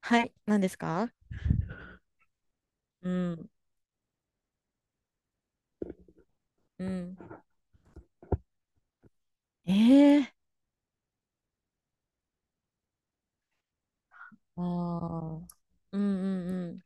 はい、何ですか？うん、うん。ええ。ああ、うんうんう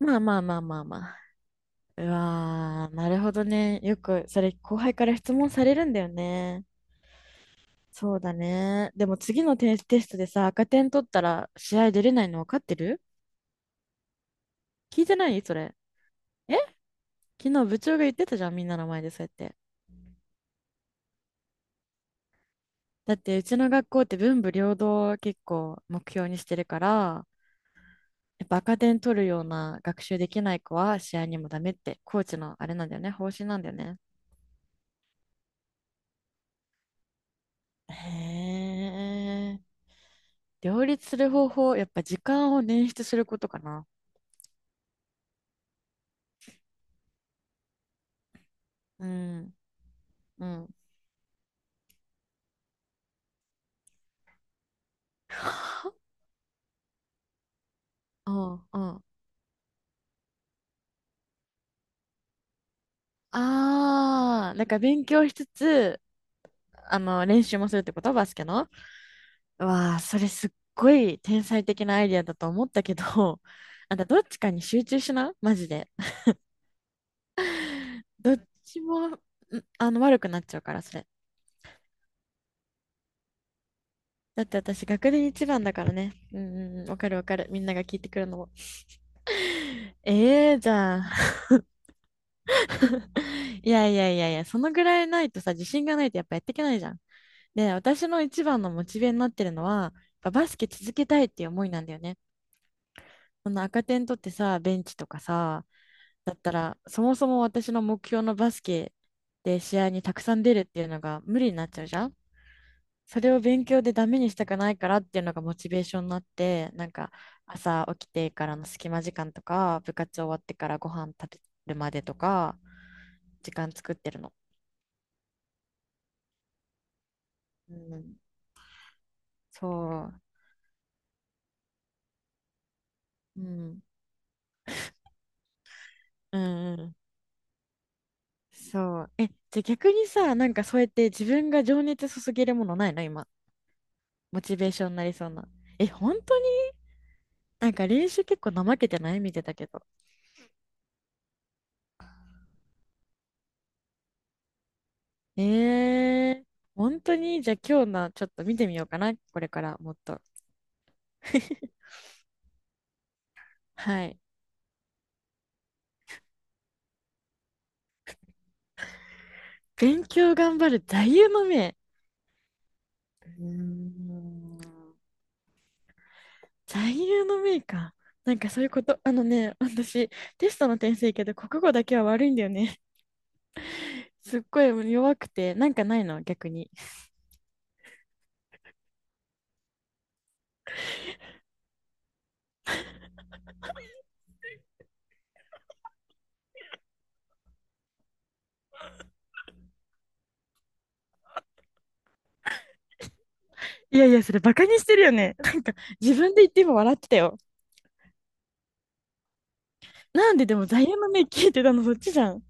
ん。まあまあまあまあまあ。うわー、なるほどね。よく、それ、後輩から質問されるんだよね。そうだね。でも次のテストでさ、赤点取ったら試合出れないの分かってる？聞いてないそれ。え？昨日部長が言ってたじゃん、みんなの前でそうやって。だって、うちの学校って文武両道を結構目標にしてるから、やっぱ赤点取るような学習できない子は試合にもダメって、コーチのあれなんだよね、方針なんだよね。へえ。両立する方法、やっぱ時間を捻出することかな。うん、うん。うんうん。ああ、なんか勉強しつつ、練習もするってことバスケの。うわあ、それすっごい天才的なアイディアだと思ったけど、あんたどっちかに集中しな、マジで。どっちも、悪くなっちゃうから、それ。だって私、学年一番だからね。うんうんうん、わかるわかる。みんなが聞いてくるのも。ええーじゃあ。いやいやいやいや、そのぐらいないとさ、自信がないとやっぱやっていけないじゃん。で、私の一番のモチベになってるのは、やっぱバスケ続けたいっていう思いなんだよね。その赤点取ってさ、ベンチとかさ、だったら、そもそも私の目標のバスケで試合にたくさん出るっていうのが無理になっちゃうじゃん。それを勉強でダメにしたくないからっていうのがモチベーションになって、なんか朝起きてからの隙間時間とか、部活終わってからご飯食べるまでとか、時間作ってるの。うん、そう。うん。うんうん。そう。え、じゃあ逆にさ、なんかそうやって自分が情熱注げるものないの今？モチベーションになりそうな。え、本当に？なんか練習結構怠けてない？見てたけど。えー、本当にじゃあ今日のちょっと見てみようかな。これからもっと。はい。勉強頑張る座右の銘。うーん。座右の銘か。なんかそういうこと、あのね、私、テストの点数いいけど、国語だけは悪いんだよね。すっごい弱くて、なんかないの、逆に？いやいや、それバカにしてるよね。自分で言って今笑ってたよ。なんででも座右の銘聞いてたの、そっちじゃん？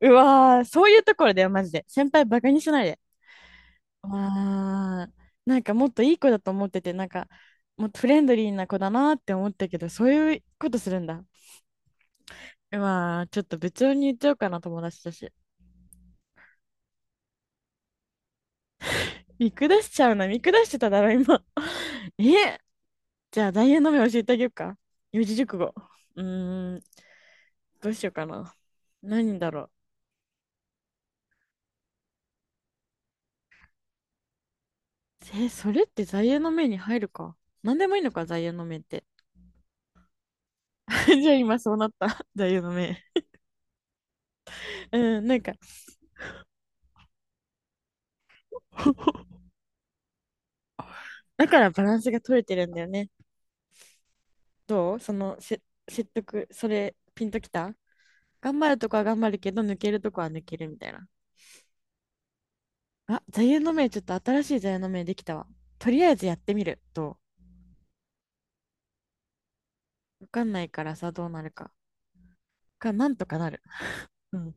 うわー、そういうところだよ、マジで。先輩バカにしないで。ああ、なんかもっといい子だと思ってて、なんかもっとフレンドリーな子だなって思ったけど、そういうことするんだ。うわー、ちょっと部長に言っちゃおうかな、友達だし。見下しちゃうな、見下してただろ、今。え、じゃあ、大変の目教えてあげようか？四字熟語。うーん、どうしようかな。何だろう。え、それって座右の銘に入るか？何でもいいのか、座右の銘って？じゃあ今そうなった。座右の銘。うん、なんか、だからバランスが取れてるんだよね。どうそのせ説得、それ、ピンときた？頑張るとこは頑張るけど、抜けるとこは抜けるみたいな。あ、座右の銘、ちょっと新しい座右の銘できたわ。とりあえずやってみる。わかんないからさ、どうなるか。なんとかなる。うん。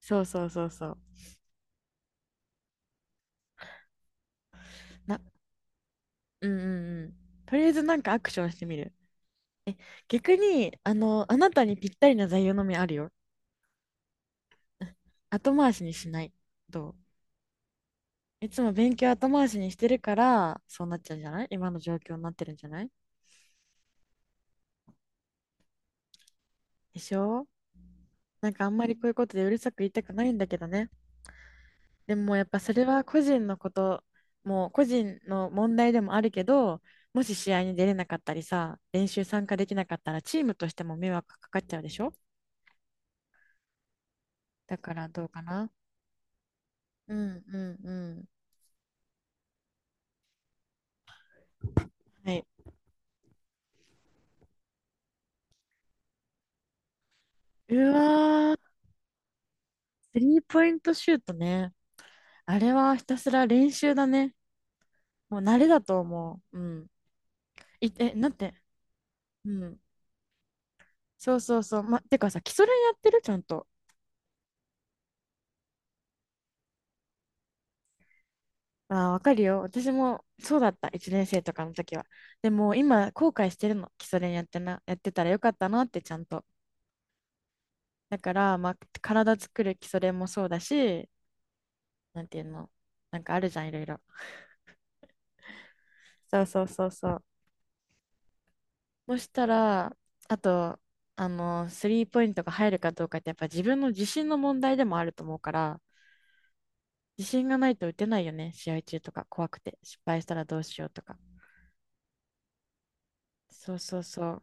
そうそうそうそう。な、うんうんうん。とりあえずなんかアクションしてみる。逆に、あなたにぴったりな座右の銘あるよ。後回しにしない。どういつも勉強後回しにしてるから、そうなっちゃうんじゃない？今の状況になってるんじゃない？でしょ？なんかあんまりこういうことでうるさく言いたくないんだけどね。でもやっぱそれは個人のこと、もう個人の問題でもあるけど、もし試合に出れなかったりさ、練習参加できなかったらチームとしても迷惑かかっちゃうでしょ？だからどうかな。うんうんうん。はい。うわー、スリーポイントシュートね。あれはひたすら練習だね。もう慣れだと思う。うん。え、なんて？うん。そうそうそう。ま、てかさ、基礎練やってるちゃんと？ああ、わかるよ。私もそうだった。1年生とかの時は。でも今、後悔してるの。基礎練やってたらよかったなって、ちゃんと。だから、まあ、体作る基礎練もそうだし、なんていうの。なんかあるじゃん、いろいろ。そうそうそうそう。そしたら、あと、スリーポイントが入るかどうかって、やっぱ自分の自信の問題でもあると思うから、自信がないと打てないよね。試合中とか、怖くて。失敗したらどうしようとか。そうそうそう。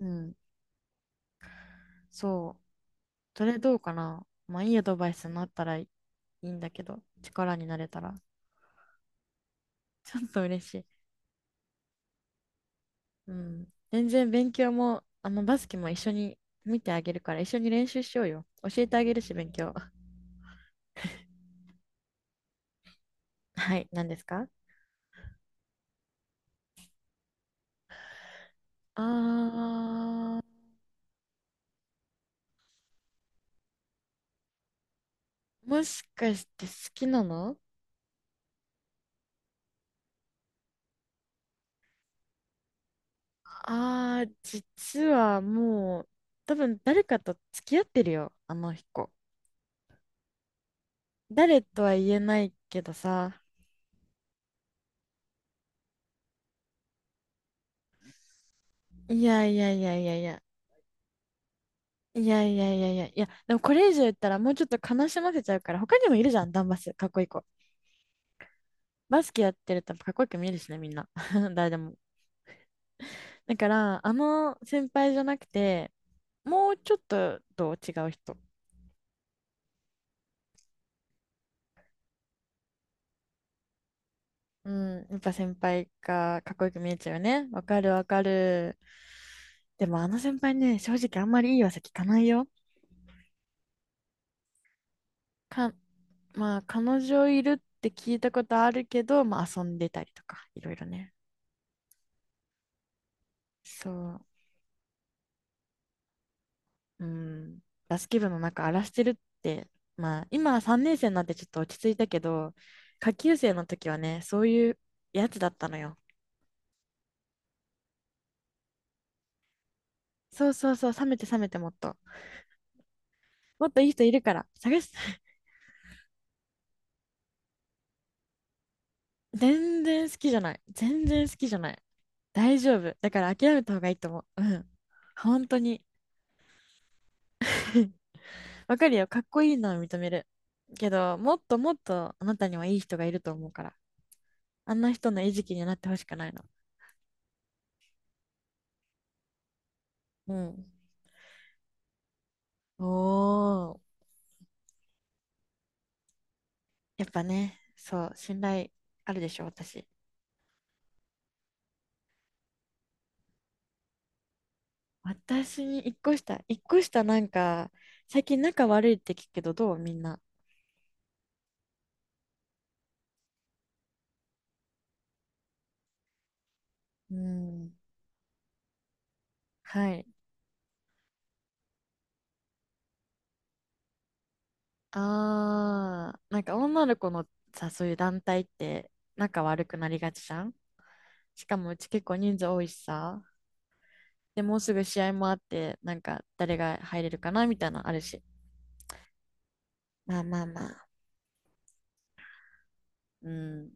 うん。そう。それどうかな。まあいいアドバイスになったらいいんだけど、力になれたら。ちょっと嬉しい。うん。全然勉強も、バスケも一緒に見てあげるから、一緒に練習しようよ。教えてあげるし、勉強。はい、何ですか？あー、もしかして好きなの？あー、実はもう、多分誰かと付き合ってるよ、あの子。誰とは言えないけどさ。いやいやいやいやいや、いやいやいやいやいや、でもこれ以上言ったらもうちょっと悲しませちゃうから、他にもいるじゃん、ダンバス、かっこいい子。バスケやってるとかっこよく見えるしね、みんな。誰でも。だから、あの先輩じゃなくて、もうちょっと違う人。うん、やっぱ先輩がかっこよく見えちゃうよね。わかるわかる。でもあの先輩ね、正直あんまりいい噂聞かないよ。か、まあ彼女いるって聞いたことあるけど、まあ遊んでたりとか、いろいろね。そう。うん、バスケ部の中荒らしてるって、まあ今は3年生になってちょっと落ち着いたけど、下級生の時はね、そういうやつだったのよ。そうそうそう、冷めて冷めてもっと。もっといい人いるから、探し、全然好きじゃない。全然好きじゃない。大丈夫。だから諦めた方がいいと思う。うん。本当に。わかるよ。かっこいいのは認める。けど、もっともっとあなたにはいい人がいると思うから。あんな人の餌食になってほしくないの。うん。おー。やっぱね、そう、信頼あるでしょ、私。私に一個下なんか、最近仲悪いって聞くけど、どうみんな？うん。はい。あー、なんか女の子のさ、そういう団体って仲悪くなりがちじゃん。しかもうち結構人数多いしさ。で、もうすぐ試合もあって、なんか誰が入れるかなみたいなのあるし。まあまあまあ。うん。